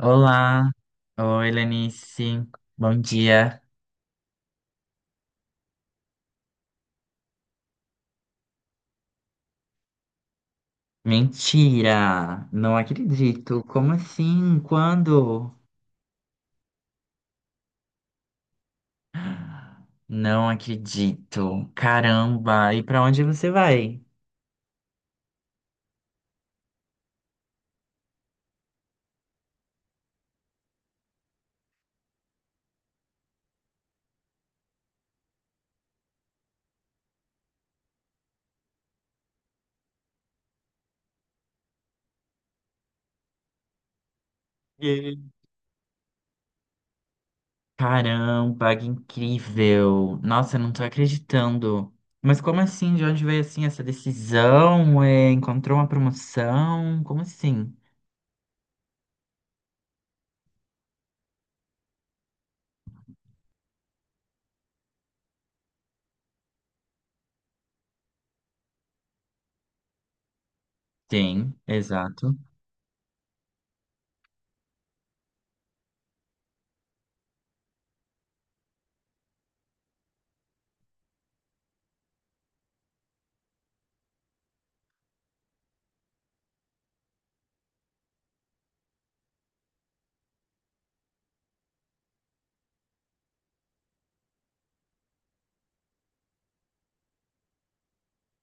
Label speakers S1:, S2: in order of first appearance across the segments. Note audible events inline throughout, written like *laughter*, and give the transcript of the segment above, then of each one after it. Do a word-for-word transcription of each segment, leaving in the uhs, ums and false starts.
S1: Olá, oi Lenice, bom dia. Mentira, não acredito. Como assim? Quando? Não acredito. Caramba, e pra onde você vai? E- Caramba, que incrível. Nossa, eu não tô acreditando. Mas como assim? De onde veio assim essa decisão? É, encontrou uma promoção? Como assim? Tem, exato.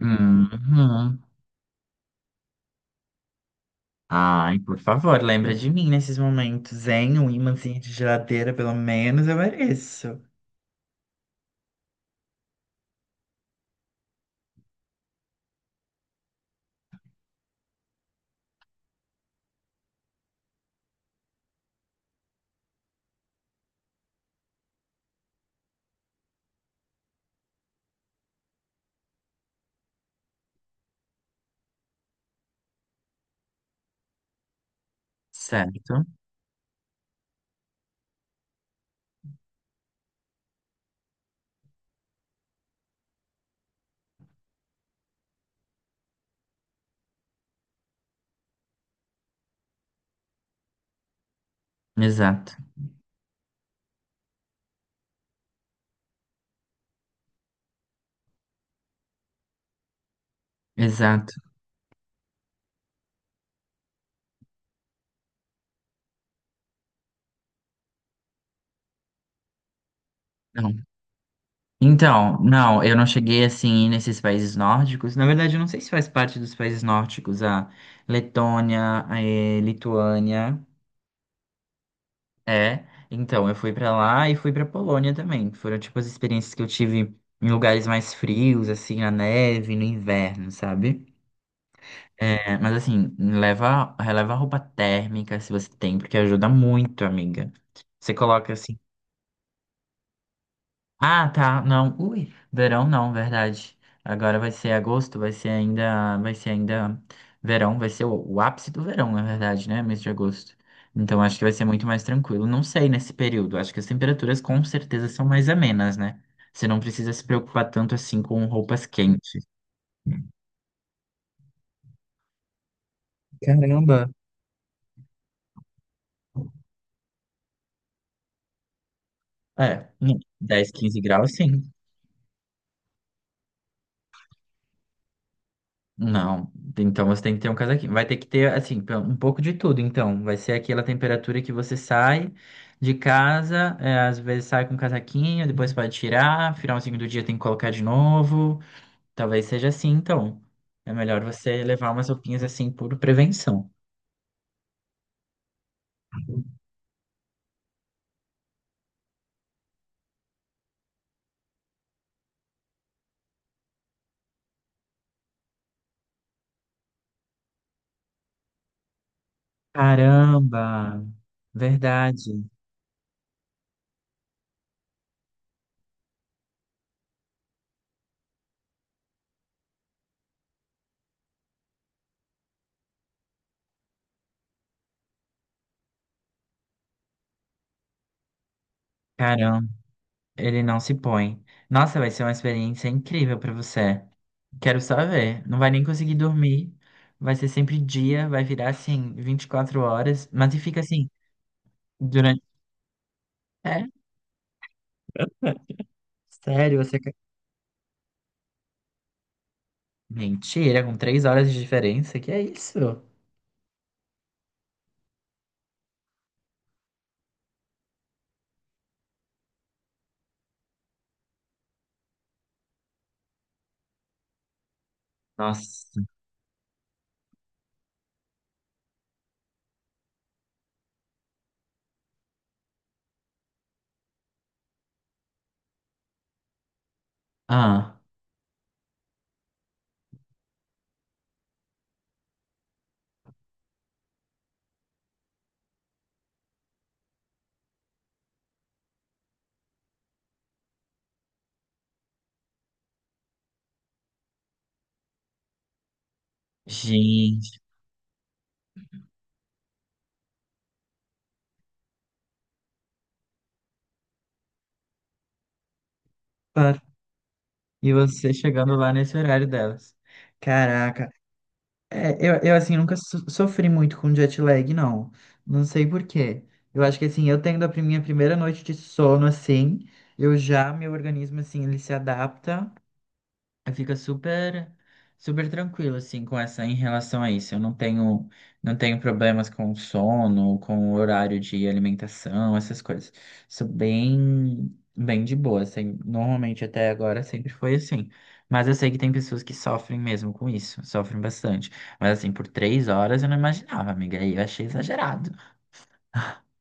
S1: Uhum. Ai, por favor, lembra de mim nesses momentos, hein? Um imãzinho de geladeira, pelo menos eu mereço. Certo, exato, exato. Não. Então, não, eu não cheguei assim nesses países nórdicos. Na verdade, eu não sei se faz parte dos países nórdicos, a Letônia, a eh, Lituânia. É, então, eu fui pra lá e fui pra Polônia também. Foram tipo as experiências que eu tive em lugares mais frios, assim, na neve, no inverno, sabe? É, mas assim, leva, releva a roupa térmica se você tem, porque ajuda muito, amiga. Você coloca assim, ah, tá, não, ui, verão não, verdade. Agora vai ser agosto, vai ser ainda, vai ser ainda verão, vai ser o, o ápice do verão, na verdade, né? Mês de agosto. Então acho que vai ser muito mais tranquilo. Não sei nesse período, acho que as temperaturas com certeza são mais amenas, né? Você não precisa se preocupar tanto assim com roupas quentes. Caramba. É, dez, quinze graus, sim. Não, então você tem que ter um casaquinho. Vai ter que ter, assim, pra- um pouco de tudo. Então, vai ser aquela temperatura que você sai de casa, é, às vezes sai com um casaquinho, depois pode tirar, finalzinho do dia tem que colocar de novo. Talvez seja assim, então. É melhor você levar umas roupinhas assim por prevenção. Caramba! Verdade. Ele não se põe. Nossa, vai ser uma experiência incrível pra você. Quero só ver. Não vai nem conseguir dormir. Vai ser sempre dia, vai virar assim vinte e quatro horas, mas e fica assim durante. É? Sério, você quer. Mentira, com três horas de diferença? Que é isso? Nossa. Ah, gente. par- E você chegando lá nesse horário delas. Caraca. É, eu, eu, assim, nunca so- sofri muito com jet lag, não. Não sei por quê. Eu acho que, assim, eu tendo a pri- minha primeira noite de sono, assim, eu já, meu organismo, assim, ele se adapta. Aí fica super, super tranquilo, assim, com essa, em relação a isso. Eu não tenho, não tenho problemas com o sono, com o horário de alimentação, essas coisas. Sou bem, bem de boa, assim. Normalmente até agora sempre foi assim. Mas eu sei que tem pessoas que sofrem mesmo com isso, sofrem bastante. Mas assim, por três horas eu não imaginava, amiga. Aí eu achei exagerado. *laughs*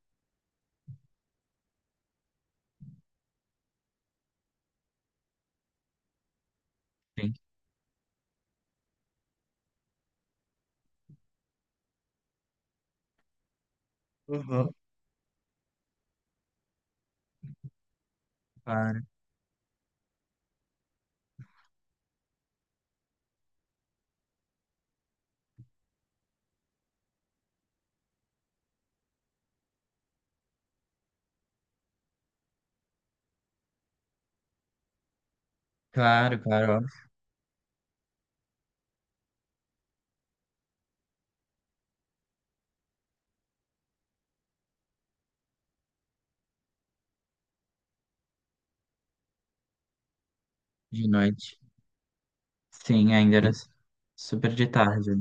S1: Sim, uhum, claro, claro, claro, óbvio. De noite. Sim, ainda era super de tarde.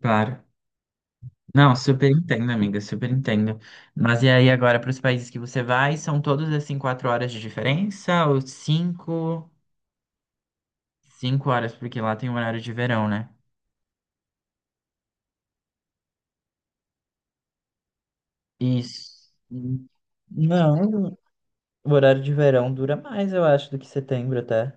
S1: Claro. Não, super entendo, amiga, super entendo. Mas e aí agora para os países que você vai, são todos assim quatro horas de diferença ou cinco, cinco horas, porque lá tem o horário de verão, né? Isso. Não, o horário de verão dura mais, eu acho, do que setembro até.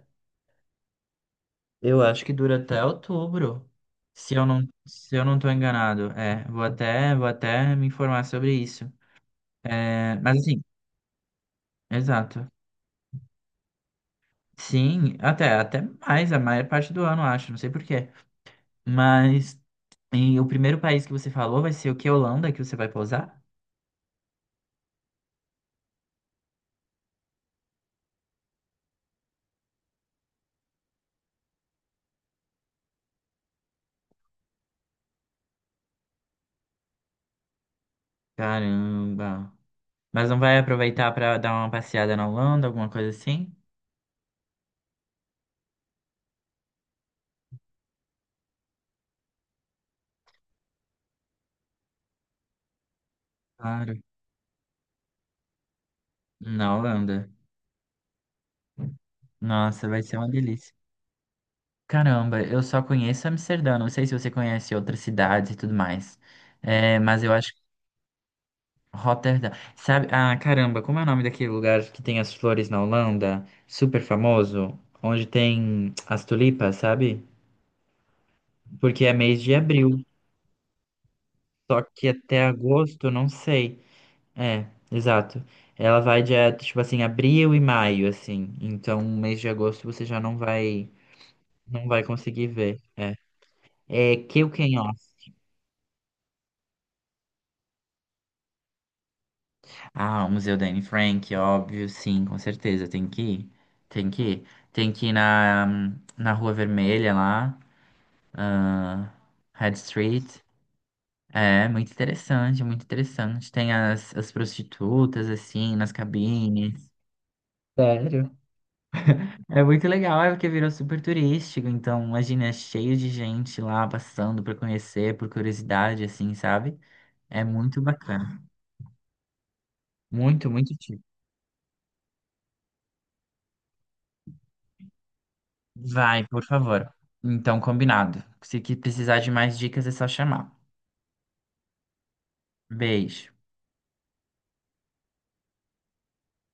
S1: Eu acho que dura até outubro, se eu não, se eu não tô enganado. É, vou até, vou até me informar sobre isso. É, mas assim, exato. Sim, até, até mais, a maior parte do ano, eu acho, não sei por quê. Mas e o primeiro país que você falou vai ser o que? Holanda, que você vai pousar? Caramba. Mas não vai aproveitar para dar uma passeada na Holanda, alguma coisa assim? Claro. Na Holanda. Nossa, vai ser uma delícia. Caramba, eu só conheço Amsterdã. Não sei se você conhece outras cidades e tudo mais. É, mas eu acho que Rotterdam. Sabe? Ah, caramba, como é o nome daquele lugar que tem as flores na Holanda? Super famoso, onde tem as tulipas, sabe? Porque é mês de abril. Só que até agosto, eu não sei. É, exato. Ela vai dia, tipo assim, abril e maio, assim. Então, mês de agosto você já não vai, não vai conseguir ver. É. É Kill King Off. Ah, o Museu da Anne Frank, óbvio, sim, com certeza. Tem que ir. Tem que ir. Tem que ir na, na Rua Vermelha lá. Ah, Head Street. É, muito interessante, muito interessante. Tem as, as prostitutas, assim, nas cabines. Sério? É muito legal, é porque virou super turístico, então imagina, é cheio de gente lá passando para conhecer, por curiosidade, assim, sabe? É muito bacana. Muito, muito tipo. Vai, por favor. Então, combinado. Se que precisar de mais dicas, é só chamar. Beijo.